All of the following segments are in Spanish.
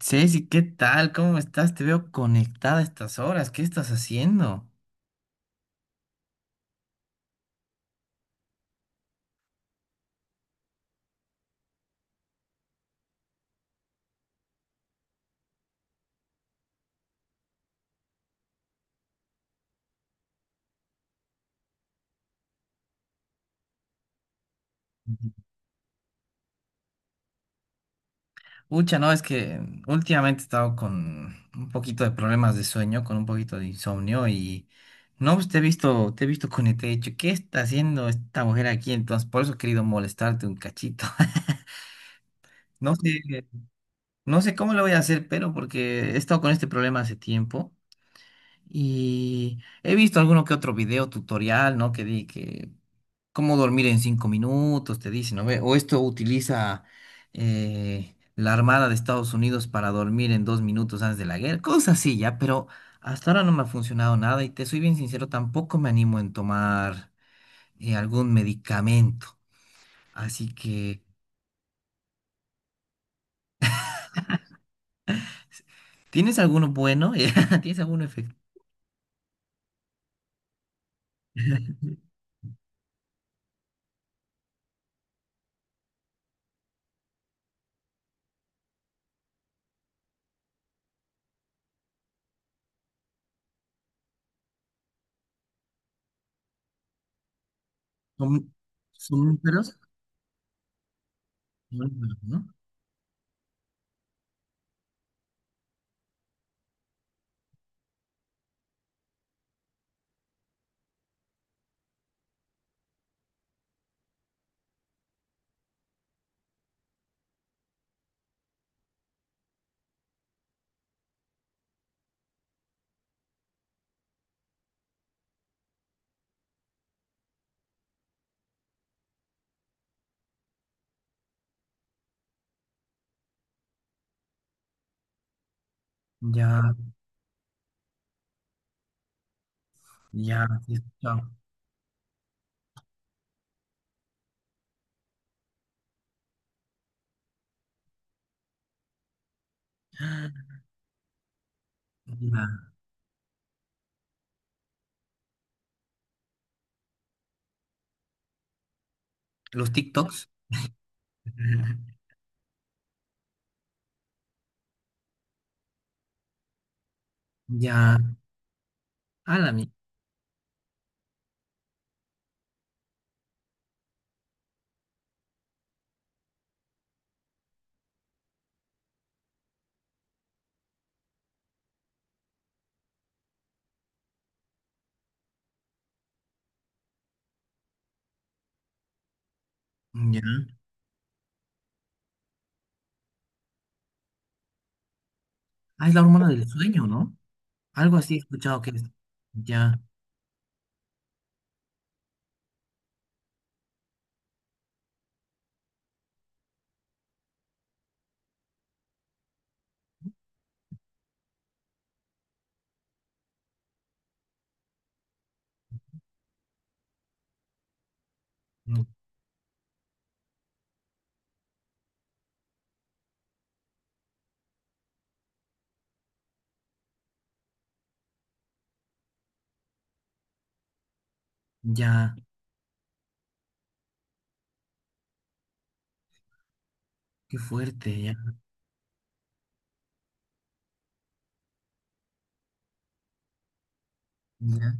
Ceci, ¿qué tal? ¿Cómo estás? Te veo conectada a estas horas. ¿Qué estás haciendo? Ucha, no, es que últimamente he estado con un poquito de problemas de sueño, con un poquito de insomnio y no, pues te he visto conectada. Y He dicho, ¿qué está haciendo esta mujer aquí? Entonces, por eso he querido molestarte un cachito. No sé, no sé cómo lo voy a hacer, pero porque he estado con este problema hace tiempo y he visto alguno que otro video tutorial, ¿no? Que di que cómo dormir en 5 minutos, te dicen, ¿no ve? O esto utiliza la Armada de Estados Unidos para dormir en 2 minutos antes de la guerra, cosas así, ya, pero hasta ahora no me ha funcionado nada y te soy bien sincero, tampoco me animo en tomar algún medicamento. Así que, ¿tienes alguno bueno? ¿Tienes alguno efectivo? Son- Somníferos, ¿no? Ya, ya, sí, he escuchado. Ya. Los TikToks. Ya. Ah, Ya. Ah, es la hormona del sueño, ¿no? Algo así he escuchado que es. Ya, mm, ya, qué fuerte, ya. Ya.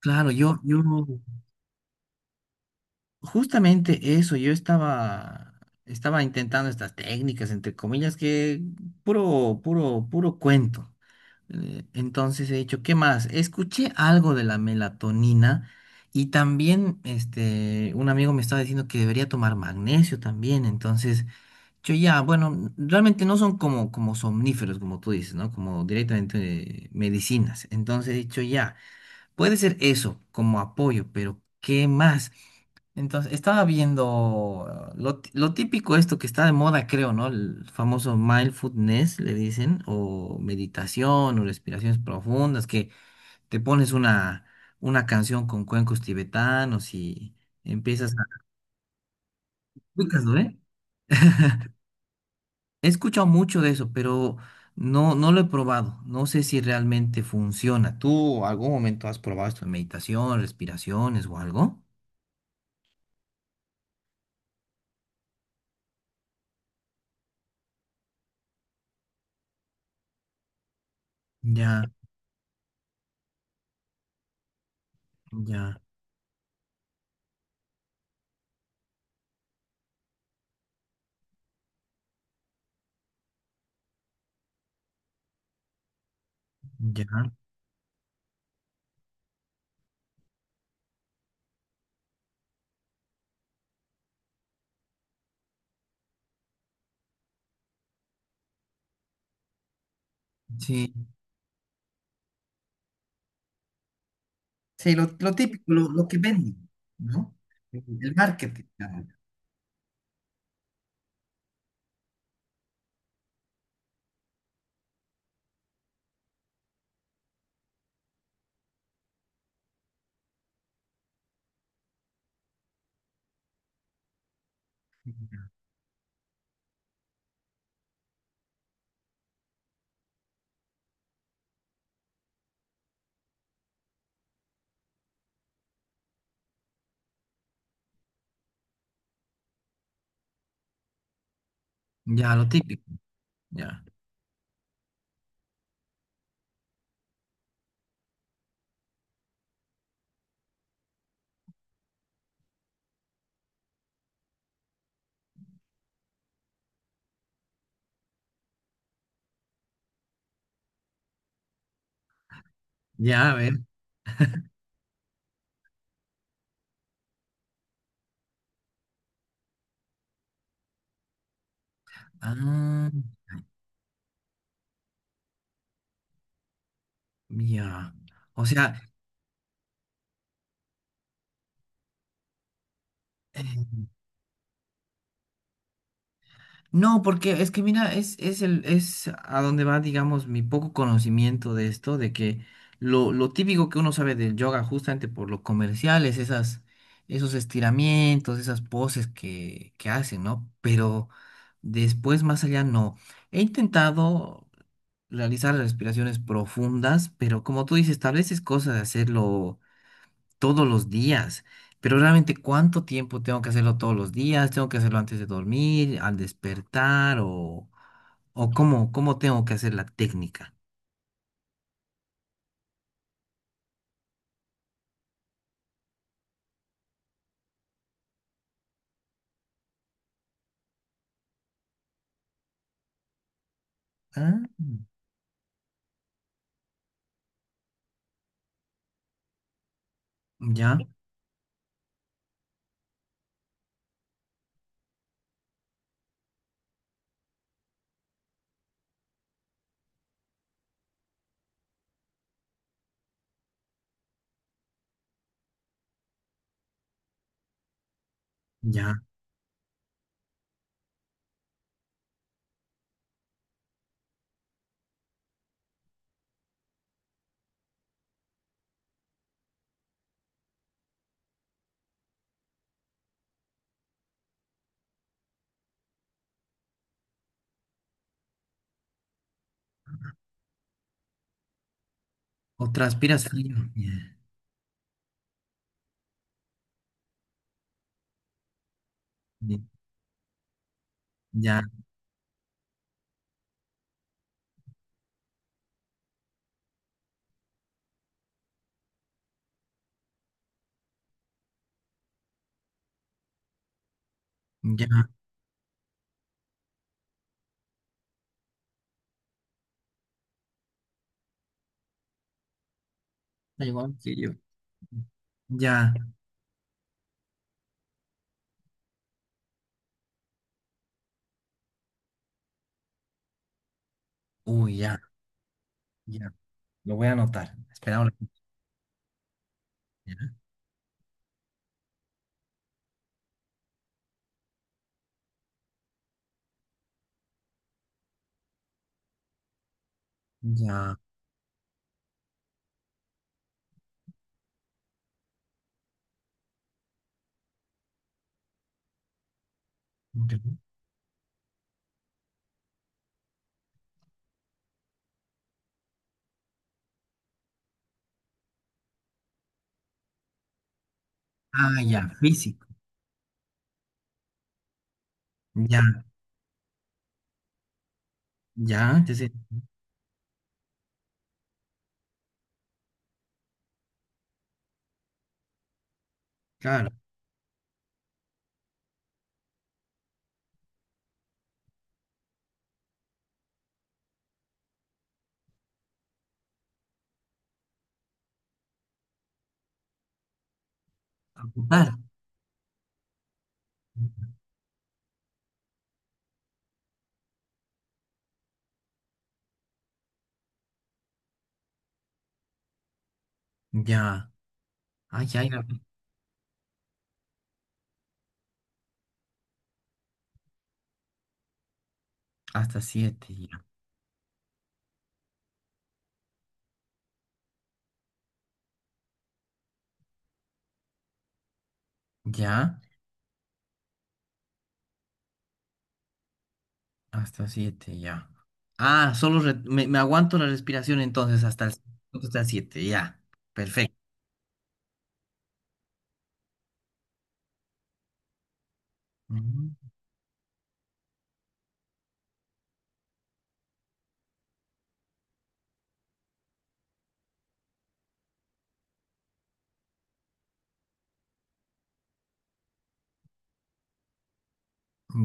Claro, justamente eso, yo estaba intentando estas técnicas, entre comillas, que puro, puro, puro cuento. Entonces he dicho, ¿qué más? Escuché algo de la melatonina y también, este, un amigo me estaba diciendo que debería tomar magnesio también, entonces... Yo ya, bueno, realmente no son como, como somníferos, como tú dices, ¿no? Como directamente medicinas. Entonces he dicho ya, puede ser eso como apoyo, pero ¿qué más? Entonces estaba viendo lo típico esto que está de moda, creo, ¿no? El famoso mindfulness, le dicen, o meditación, o respiraciones profundas, que te pones una canción con cuencos tibetanos y empiezas a... ubicas, ¿no, eh? He escuchado mucho de eso, pero no, no lo he probado. No sé si realmente funciona. ¿Tú algún momento has probado esto de meditación, respiraciones o algo? Ya, ya, ya. Sí. Sí, lo típico, lo que venden, ¿no? El marketing. Ya, ya, lo típico. Ya. Ya, a ver. Ah, ya. O sea, eh, no, porque es que mira, es es a donde va, digamos, mi poco conocimiento de esto, de que lo típico que uno sabe del yoga, justamente por lo comercial, es esas, esos estiramientos, esas poses que hacen, ¿no? Pero después, más allá, no. He intentado realizar respiraciones profundas, pero como tú dices, tal vez es cosa de hacerlo todos los días. Pero realmente, ¿cuánto tiempo tengo que hacerlo todos los días? ¿Tengo que hacerlo antes de dormir, al despertar o, o cómo tengo que hacer la técnica? Ah, ya, ya. O transpiras frío. Ya, ya, ya. da Igual que yo. Ya. Uy, ya, ya. Lo voy a anotar. Esperamos. Ya. Ok. Ah, ya. Físico. Ya, ya. Entonces, claro. Apuntar. Ya. Ay, ya. Hasta siete, ya. Ya, hasta siete, ya. Ah, solo me aguanto la respiración entonces hasta el siete, ya. Perfecto. Ujú.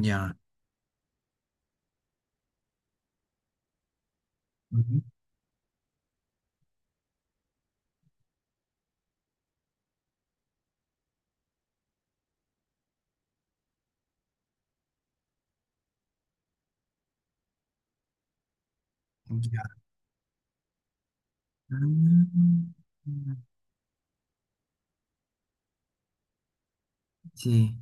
Ya. Ujú. Ya. Ah, sí,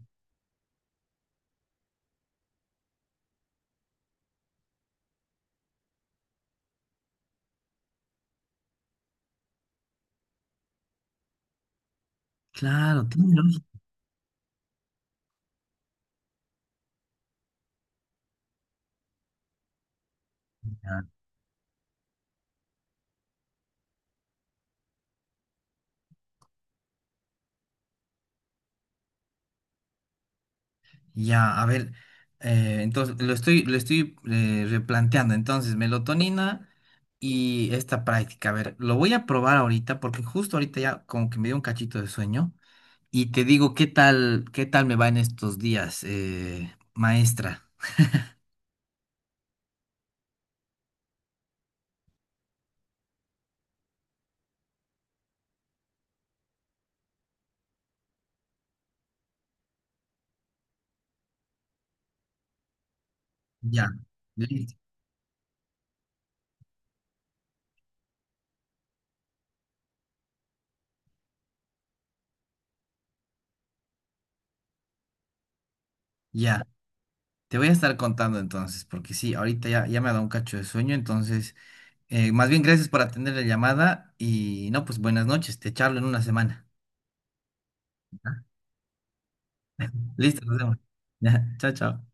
claro, tiene lógica. Ya, a ver, entonces lo estoy replanteando. Entonces, melatonina y esta práctica. A ver, lo voy a probar ahorita porque justo ahorita ya como que me dio un cachito de sueño. Y te digo, qué tal me va en estos días, maestra? Ya, listo, ya. Te voy a estar contando entonces, porque sí, ahorita ya, ya me ha dado un cacho de sueño, entonces, más bien gracias por atender la llamada y no, pues buenas noches, te charlo en una semana. ¿Ya? Listo, nos vemos. Ya, chao, chao.